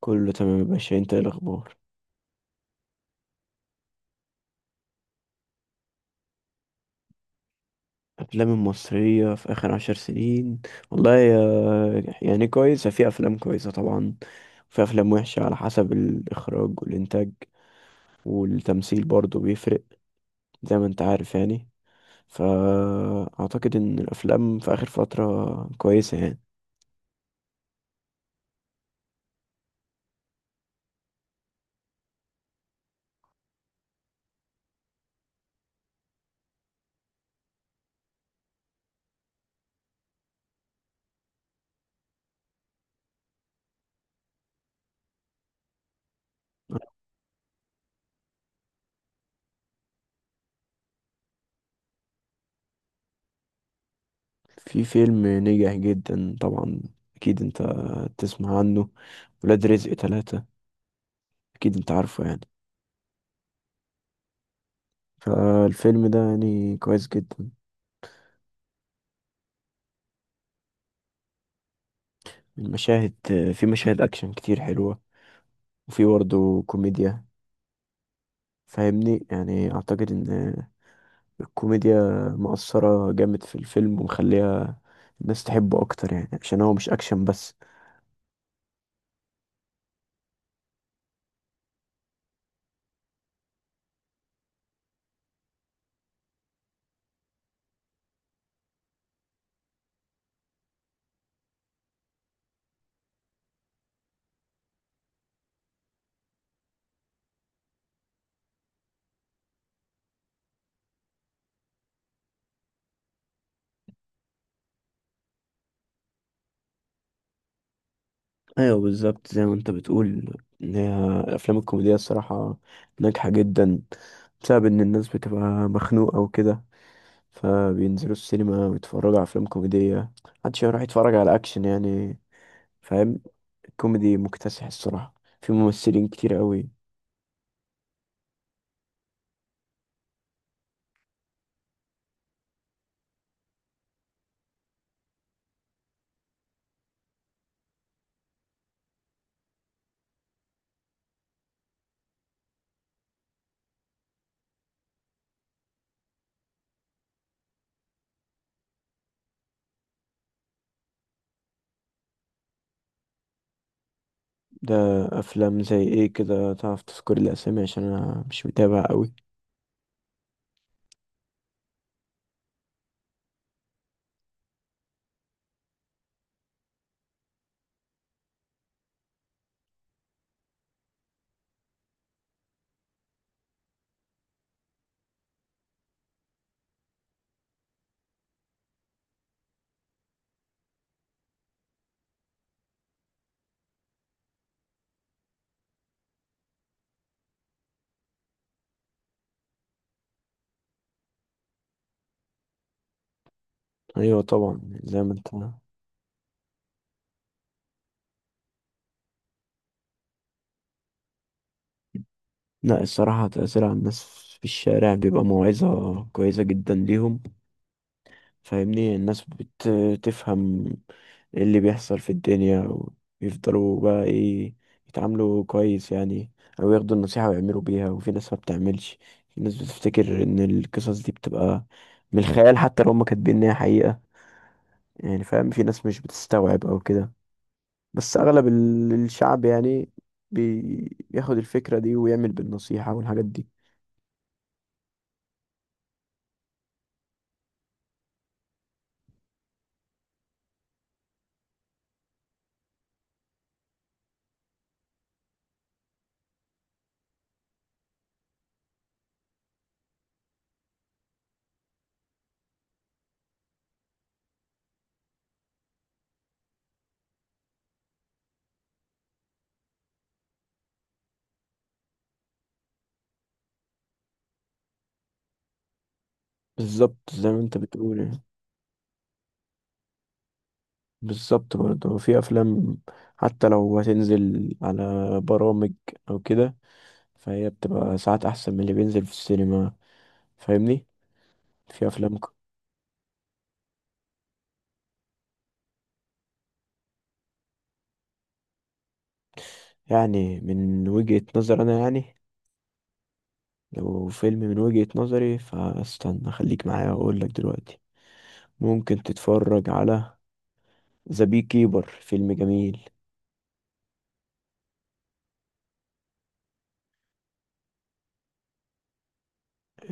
كله تمام يا باشا، انت ايه الاخبار؟ افلام المصريه في اخر 10 سنين، والله يعني كويسه، في افلام كويسه طبعا، وفي افلام وحشه على حسب الاخراج والانتاج، والتمثيل برضو بيفرق، زي ما انت عارف يعني. فاعتقد ان الافلام في اخر فتره كويسه يعني. في فيلم نجح جدا طبعا، اكيد انت تسمع عنه، ولاد رزق ثلاثة، اكيد انت عارفه يعني. فالفيلم ده يعني كويس جدا. المشاهد في مشاهد أكشن كتير حلوة، وفي برضه كوميديا، فاهمني؟ يعني أعتقد إن الكوميديا مؤثرة جامد في الفيلم، ومخليها الناس تحبه أكتر، يعني عشان هو مش أكشن بس. أيوه، بالظبط زي ما أنت بتقول، إن هي الأفلام الكوميدية الصراحة ناجحة جدا، بسبب إن الناس بتبقى مخنوقة وكده، فبينزلوا السينما ويتفرجوا على أفلام كوميدية. محدش يروح يتفرج على أكشن يعني، فاهم؟ كوميدي مكتسح الصراحة، في ممثلين كتير قوي. ده أفلام زي إيه كده؟ تعرف تذكر الأسامي؟ عشان أنا مش متابع قوي. أيوة طبعا، زي ما أنت لا، الصراحة تأثير على الناس في الشارع بيبقى موعظة كويسة جدا ليهم، فاهمني؟ الناس بتفهم ايه اللي بيحصل في الدنيا، ويفضلوا بقى ايه، يتعاملوا كويس يعني، او ياخدوا النصيحة ويعملوا بيها. وفي ناس ما بتعملش، في ناس بتفتكر ان القصص دي بتبقى من الخيال، حتى لو هم كاتبين ان هي حقيقة، يعني فاهم؟ في ناس مش بتستوعب او كده. بس اغلب الشعب يعني بياخد الفكرة دي ويعمل بالنصيحة والحاجات دي. بالظبط زي ما انت بتقول يعني. بالظبط برضه، في افلام حتى لو هتنزل على برامج او كده، فهي بتبقى ساعات احسن من اللي بينزل في السينما، فاهمني؟ في افلام يعني من وجهة نظر انا يعني، لو فيلم من وجهة نظري فاستنى خليك معايا واقول لك دلوقتي. ممكن تتفرج على ذا بي كيبر، فيلم جميل.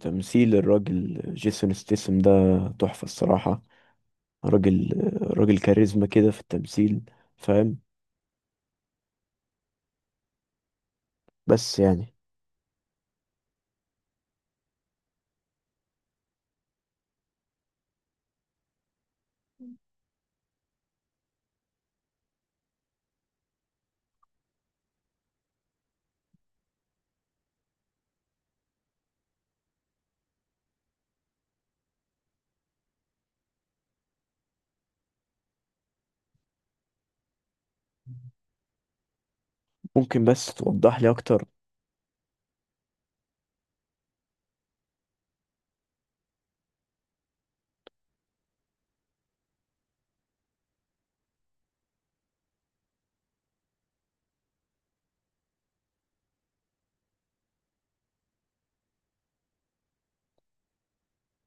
تمثيل الراجل جيسون ستيسم ده تحفة الصراحة. راجل راجل كاريزما كده في التمثيل، فاهم؟ بس يعني. ممكن بس توضح لي اكتر؟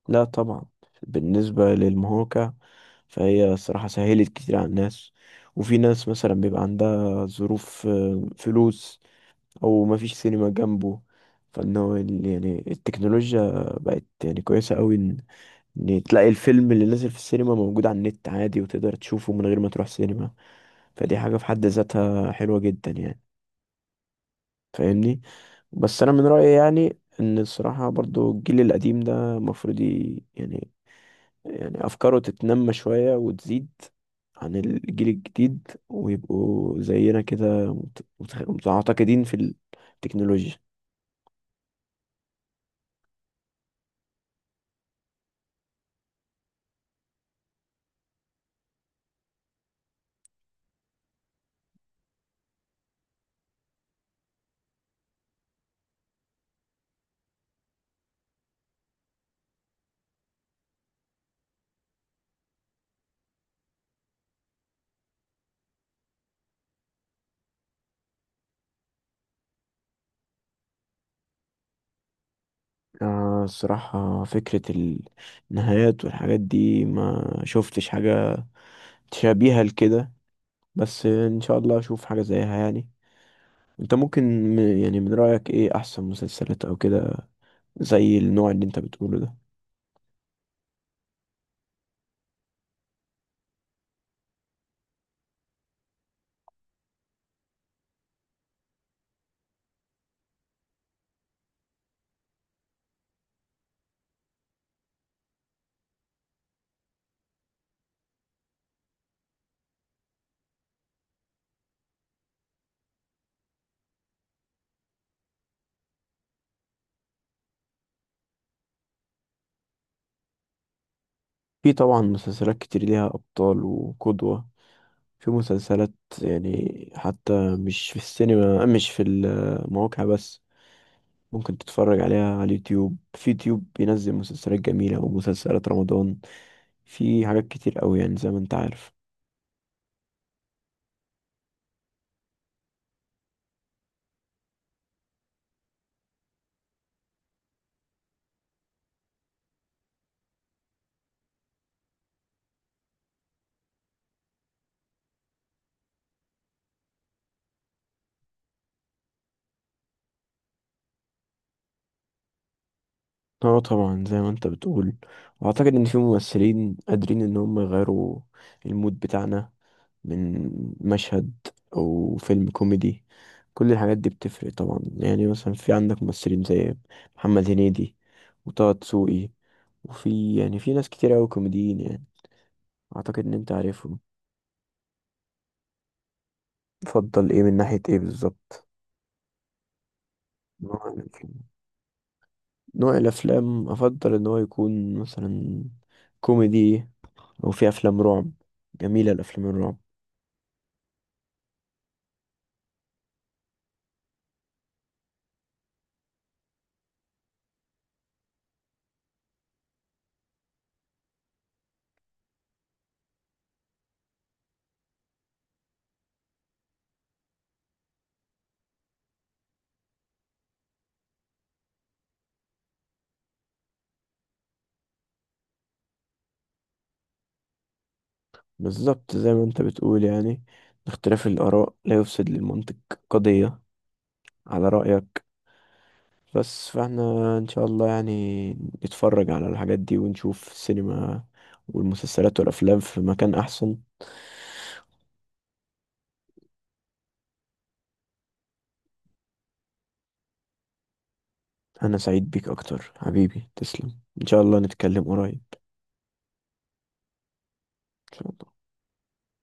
لا طبعا. بالنسبة للمهوكة، فهي صراحة سهلت كتير على الناس، وفي ناس مثلا بيبقى عندها ظروف، فلوس، او مفيش سينما جنبه. فانه يعني التكنولوجيا بقت يعني كويسة قوي، إن تلاقي الفيلم اللي نازل في السينما موجود على النت عادي، وتقدر تشوفه من غير ما تروح سينما. فدي حاجة في حد ذاتها حلوة جدا يعني، فاهمني؟ بس انا من رايي يعني، ان الصراحه برضو الجيل القديم ده المفروض يعني افكاره تتنمى شويه وتزيد عن الجيل الجديد، ويبقوا زينا كده متعتقدين في التكنولوجيا. آه، الصراحة فكرة النهايات والحاجات دي ما شفتش حاجة تشابيها لكده، بس إن شاء الله أشوف حاجة زيها يعني. أنت ممكن، يعني من رأيك إيه أحسن مسلسلات أو كده؟ زي النوع اللي انت بتقوله ده. في طبعا مسلسلات كتير ليها ابطال وقدوة. في مسلسلات، يعني حتى مش في السينما، مش في المواقع بس، ممكن تتفرج عليها على اليوتيوب. في يوتيوب بينزل مسلسلات جميلة ومسلسلات رمضان، في حاجات كتير قوي يعني، زي ما انت عارف. اه طبعا زي ما انت بتقول، واعتقد ان في ممثلين قادرين ان هم يغيروا المود بتاعنا، من مشهد او فيلم كوميدي. كل الحاجات دي بتفرق طبعا، يعني مثلا في عندك ممثلين زي محمد هنيدي وطه دسوقي، وفي يعني في ناس كتير اوي كوميديين يعني، اعتقد ان انت عارفهم. تفضل ايه من ناحية ايه بالظبط؟ نوع الافلام. نوع الافلام افضل ان هو يكون مثلا كوميدي، او في افلام رعب، جميلة الافلام الرعب. بالظبط زي ما انت بتقول يعني، اختلاف الآراء لا يفسد للمنطق قضية، على رأيك. بس فاحنا ان شاء الله يعني نتفرج على الحاجات دي ونشوف السينما والمسلسلات والأفلام في مكان أحسن. أنا سعيد بيك أكتر حبيبي، تسلم، ان شاء الله نتكلم قريب. ان شاء الله.